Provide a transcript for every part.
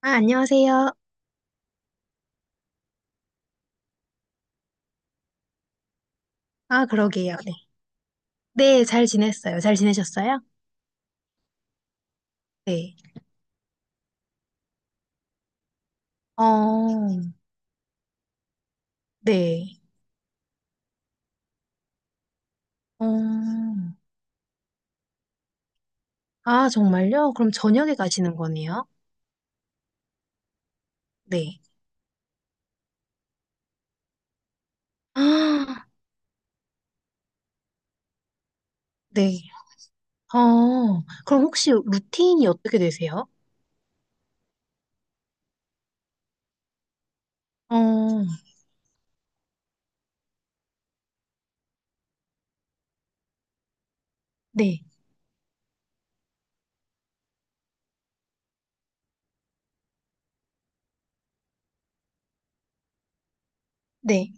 아, 안녕하세요. 아, 그러게요. 네. 네, 잘 지냈어요. 잘 지내셨어요? 네. 어, 네. 어, 아, 정말요? 그럼 저녁에 가시는 거네요? 네. 아, 네. 그럼 혹시 루틴이 어떻게 되세요? 어, 네. 네.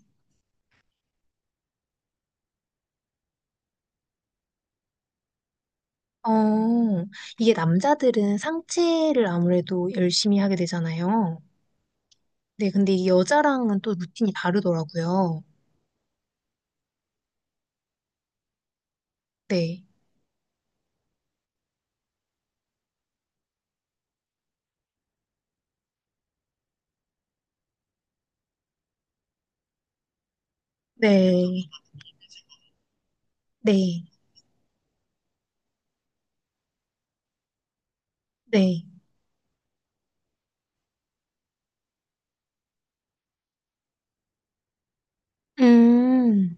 어, 이게 남자들은 상체를 아무래도 열심히 하게 되잖아요. 네, 근데 이게 여자랑은 또 루틴이 다르더라고요. 네. 네. 네. 네. 음,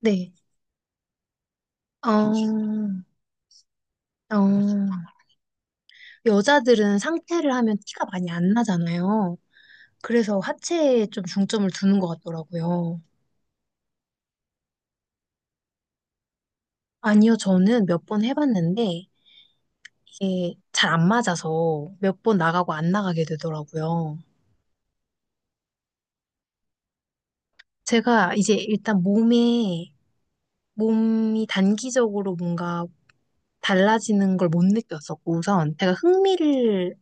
네. 어, 어. 여자들은 상체를 하면 티가 많이 안 나잖아요. 그래서 하체에 좀 중점을 두는 것 같더라고요. 아니요, 저는 몇 번 해봤는데 이게 잘 안 맞아서 몇 번 나가고 안 나가게 되더라고요. 제가 이제 일단 몸에, 몸이 단기적으로 뭔가 달라지는 걸 못 느꼈었고 우선 제가 흥미를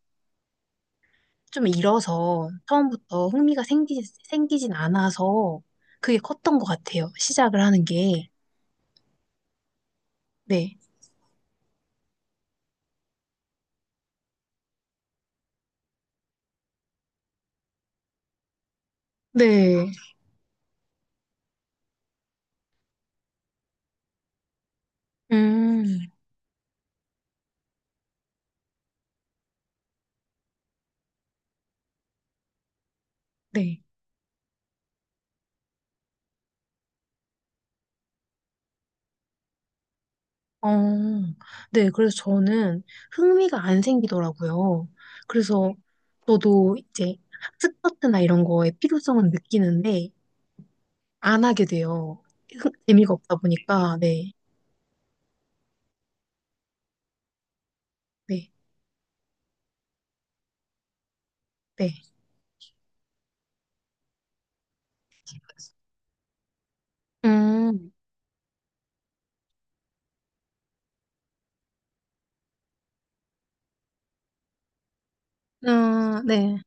좀 잃어서 처음부터 흥미가 생기진 않아서 그게 컸던 것 같아요. 시작을 하는 게. 네. 네. 음, 네. 어, 네. 그래서 저는 흥미가 안 생기더라고요. 그래서 저도 이제 학습 파트나 이런 거에 필요성은 느끼는데 안 하게 돼요. 재미가 없다 보니까. 네. 네. 네. 음, 아, 네.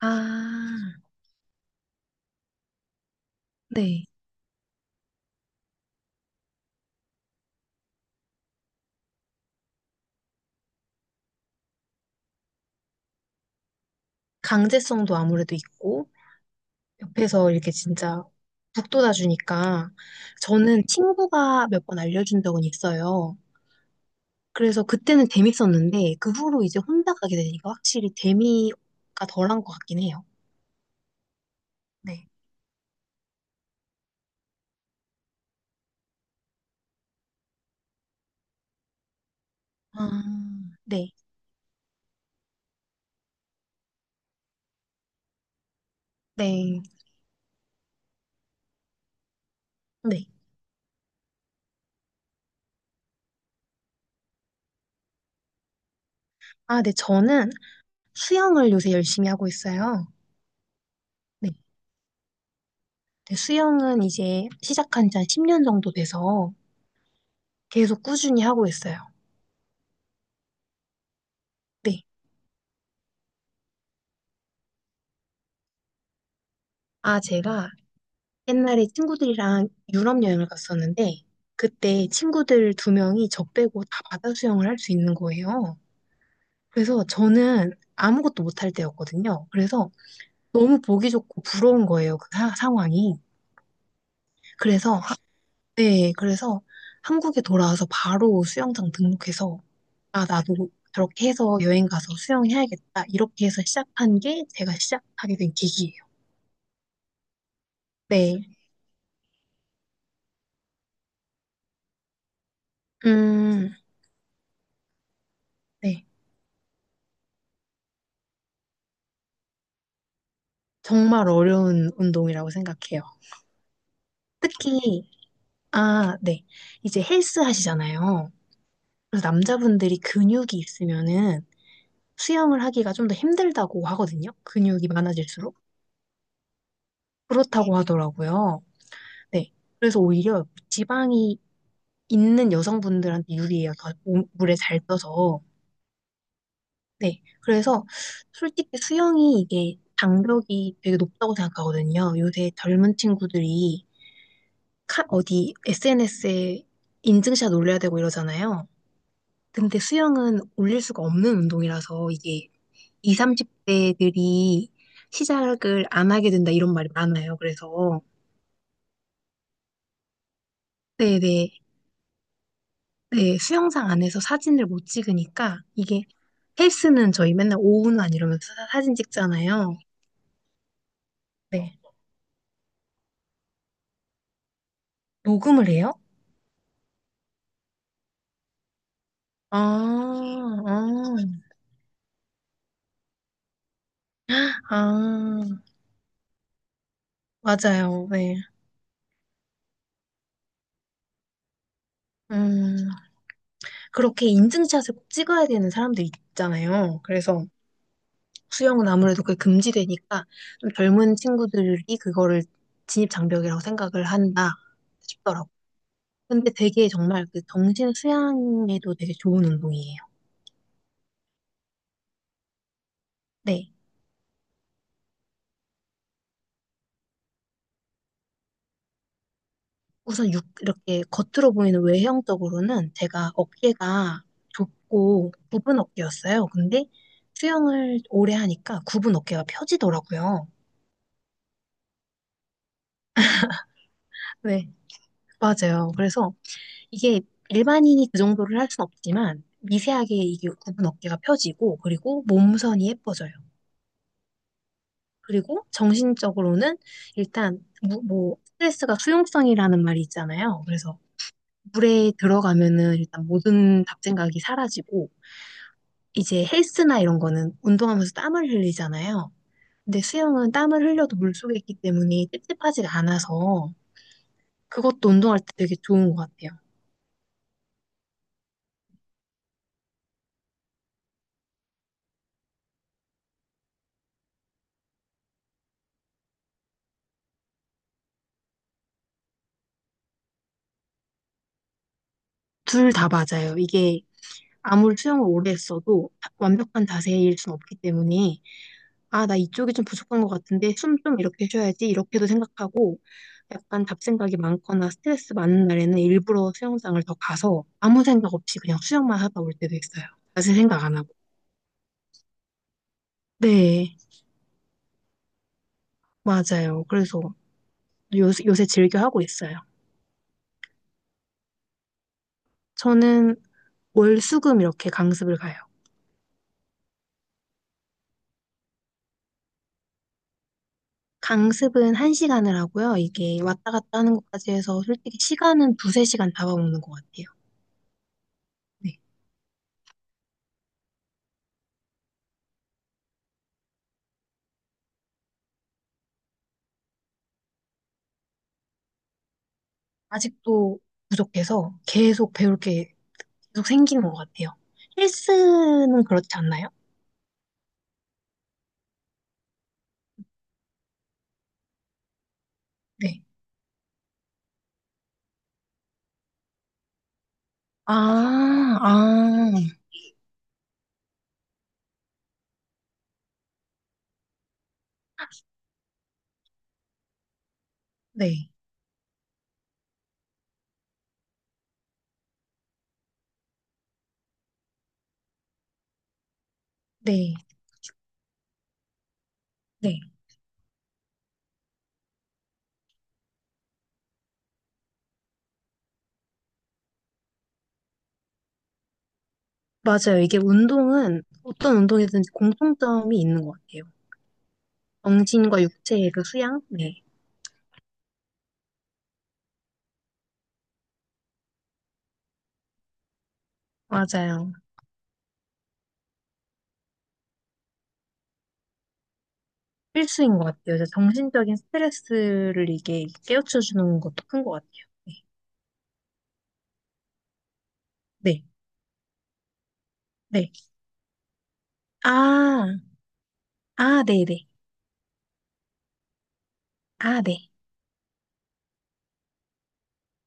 아, 네. 강제성도 아무래도 있고, 옆에서 이렇게 진짜 북돋아주니까, 저는 친구가 몇 번 알려준 적은 있어요. 그래서 그때는 재밌었는데, 그 후로 이제 혼자 가게 되니까 확실히 재미가 덜한 것 같긴 해요. 네. 아, 네, 네, 네. 아, 네, 저는 수영을 요새 열심히 하고 있어요. 네. 네, 수영은 이제 시작한 지 한 10년 정도 돼서 계속 꾸준히 하고 있어요. 네. 아, 제가 옛날에 친구들이랑 유럽 여행을 갔었는데 그때 친구들 두 명이 저 빼고 다 바다 수영을 할 수 있는 거예요. 그래서 저는 아무것도 못할 때였거든요. 그래서 너무 보기 좋고 부러운 거예요. 그 상황이. 그래서 하- 네, 그래서 한국에 돌아와서 바로 수영장 등록해서 아, 나도 저렇게 해서 여행 가서 수영해야겠다. 이렇게 해서 시작한 게 제가 시작하게 된 계기예요. 네. 음, 네. 정말 어려운 운동이라고 생각해요. 특히, 아, 네. 이제 헬스 하시잖아요. 그래서 남자분들이 근육이 있으면은 수영을 하기가 좀 더 힘들다고 하거든요. 근육이 많아질수록. 그렇다고 하더라고요. 네. 그래서 오히려 지방이 있는 여성분들한테 유리해요. 더 물에 잘 떠서. 네. 그래서 솔직히 수영이 이게 장벽이 되게 높다고 생각하거든요. 요새 젊은 친구들이 어디 SNS에 인증샷 올려야 되고 이러잖아요. 근데 수영은 올릴 수가 없는 운동이라서 이게 20, 30대들이 시작을 안 하게 된다 이런 말이 많아요. 그래서 네네 네, 수영장 안에서 사진을 못 찍으니까 이게 헬스는 저희 맨날 오후만 이러면서 사진 찍잖아요. 네. 녹음을 해요? 아, 아, 아, 맞아요. 네. 음, 그렇게 인증샷을 꼭 찍어야 되는 사람들 있잖아요. 그래서 수영은 아무래도 그게 금지되니까 좀 젊은 친구들이 그거를 진입 장벽이라고 생각을 한다 싶더라고. 근데 되게 정말 그 정신 수양에도 되게 좋은 운동이에요. 네. 우선 육, 이렇게 겉으로 보이는 외형적으로는 제가 어깨가 좁고 굽은 어깨였어요. 근데 수영을 오래 하니까 굽은 어깨가 펴지더라고요. 네, 맞아요. 그래서 이게 일반인이 그 정도를 할 순 없지만 미세하게 이게 굽은 어깨가 펴지고 그리고 몸선이 예뻐져요. 그리고 정신적으로는 일단 뭐 스트레스가 수용성이라는 말이 있잖아요. 그래서 물에 들어가면은 일단 모든 잡생각이 사라지고 이제 헬스나 이런 거는 운동하면서 땀을 흘리잖아요. 근데 수영은 땀을 흘려도 물속에 있기 때문에 찝찝하지가 않아서 그것도 운동할 때 되게 좋은 것 같아요. 둘 다 맞아요. 이게 아무리 수영을 오래 했어도 완벽한 자세일 순 없기 때문에 아, 나 이쪽이 좀 부족한 것 같은데 숨 좀 이렇게 쉬어야지 이렇게도 생각하고 약간 잡생각이 많거나 스트레스 많은 날에는 일부러 수영장을 더 가서 아무 생각 없이 그냥 수영만 하다 올 때도 있어요. 자세 생각 안 하고. 네, 맞아요. 그래서 요새 즐겨 하고 있어요. 저는 월수금 이렇게 강습을 가요. 강습은 한시간을 하고요. 이게 왔다 갔다 하는 것까지 해서 솔직히 시간은 두세 시간 잡아먹는 것 같아요. 네. 아직도 부족해서 계속 배울 게 계속 생기는 것 같아요. 헬스는 그렇지 않나요? 네, 아, 아, 네, 네, 네, 맞아요. 이게 운동은 어떤 운동이든지 공통점이 있는 것 같아요. 정신과 육체의 그 수양? 네, 맞아요. 필수인 것 같아요. 이제 정신적인 스트레스를 이게 깨우쳐주는 것도 큰 것 같아요. 네, 네, 네. 아, 아, 네네. 아, 네.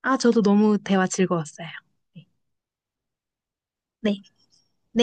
아, 저도 너무 대화 즐거웠어요. 네. 네, 네,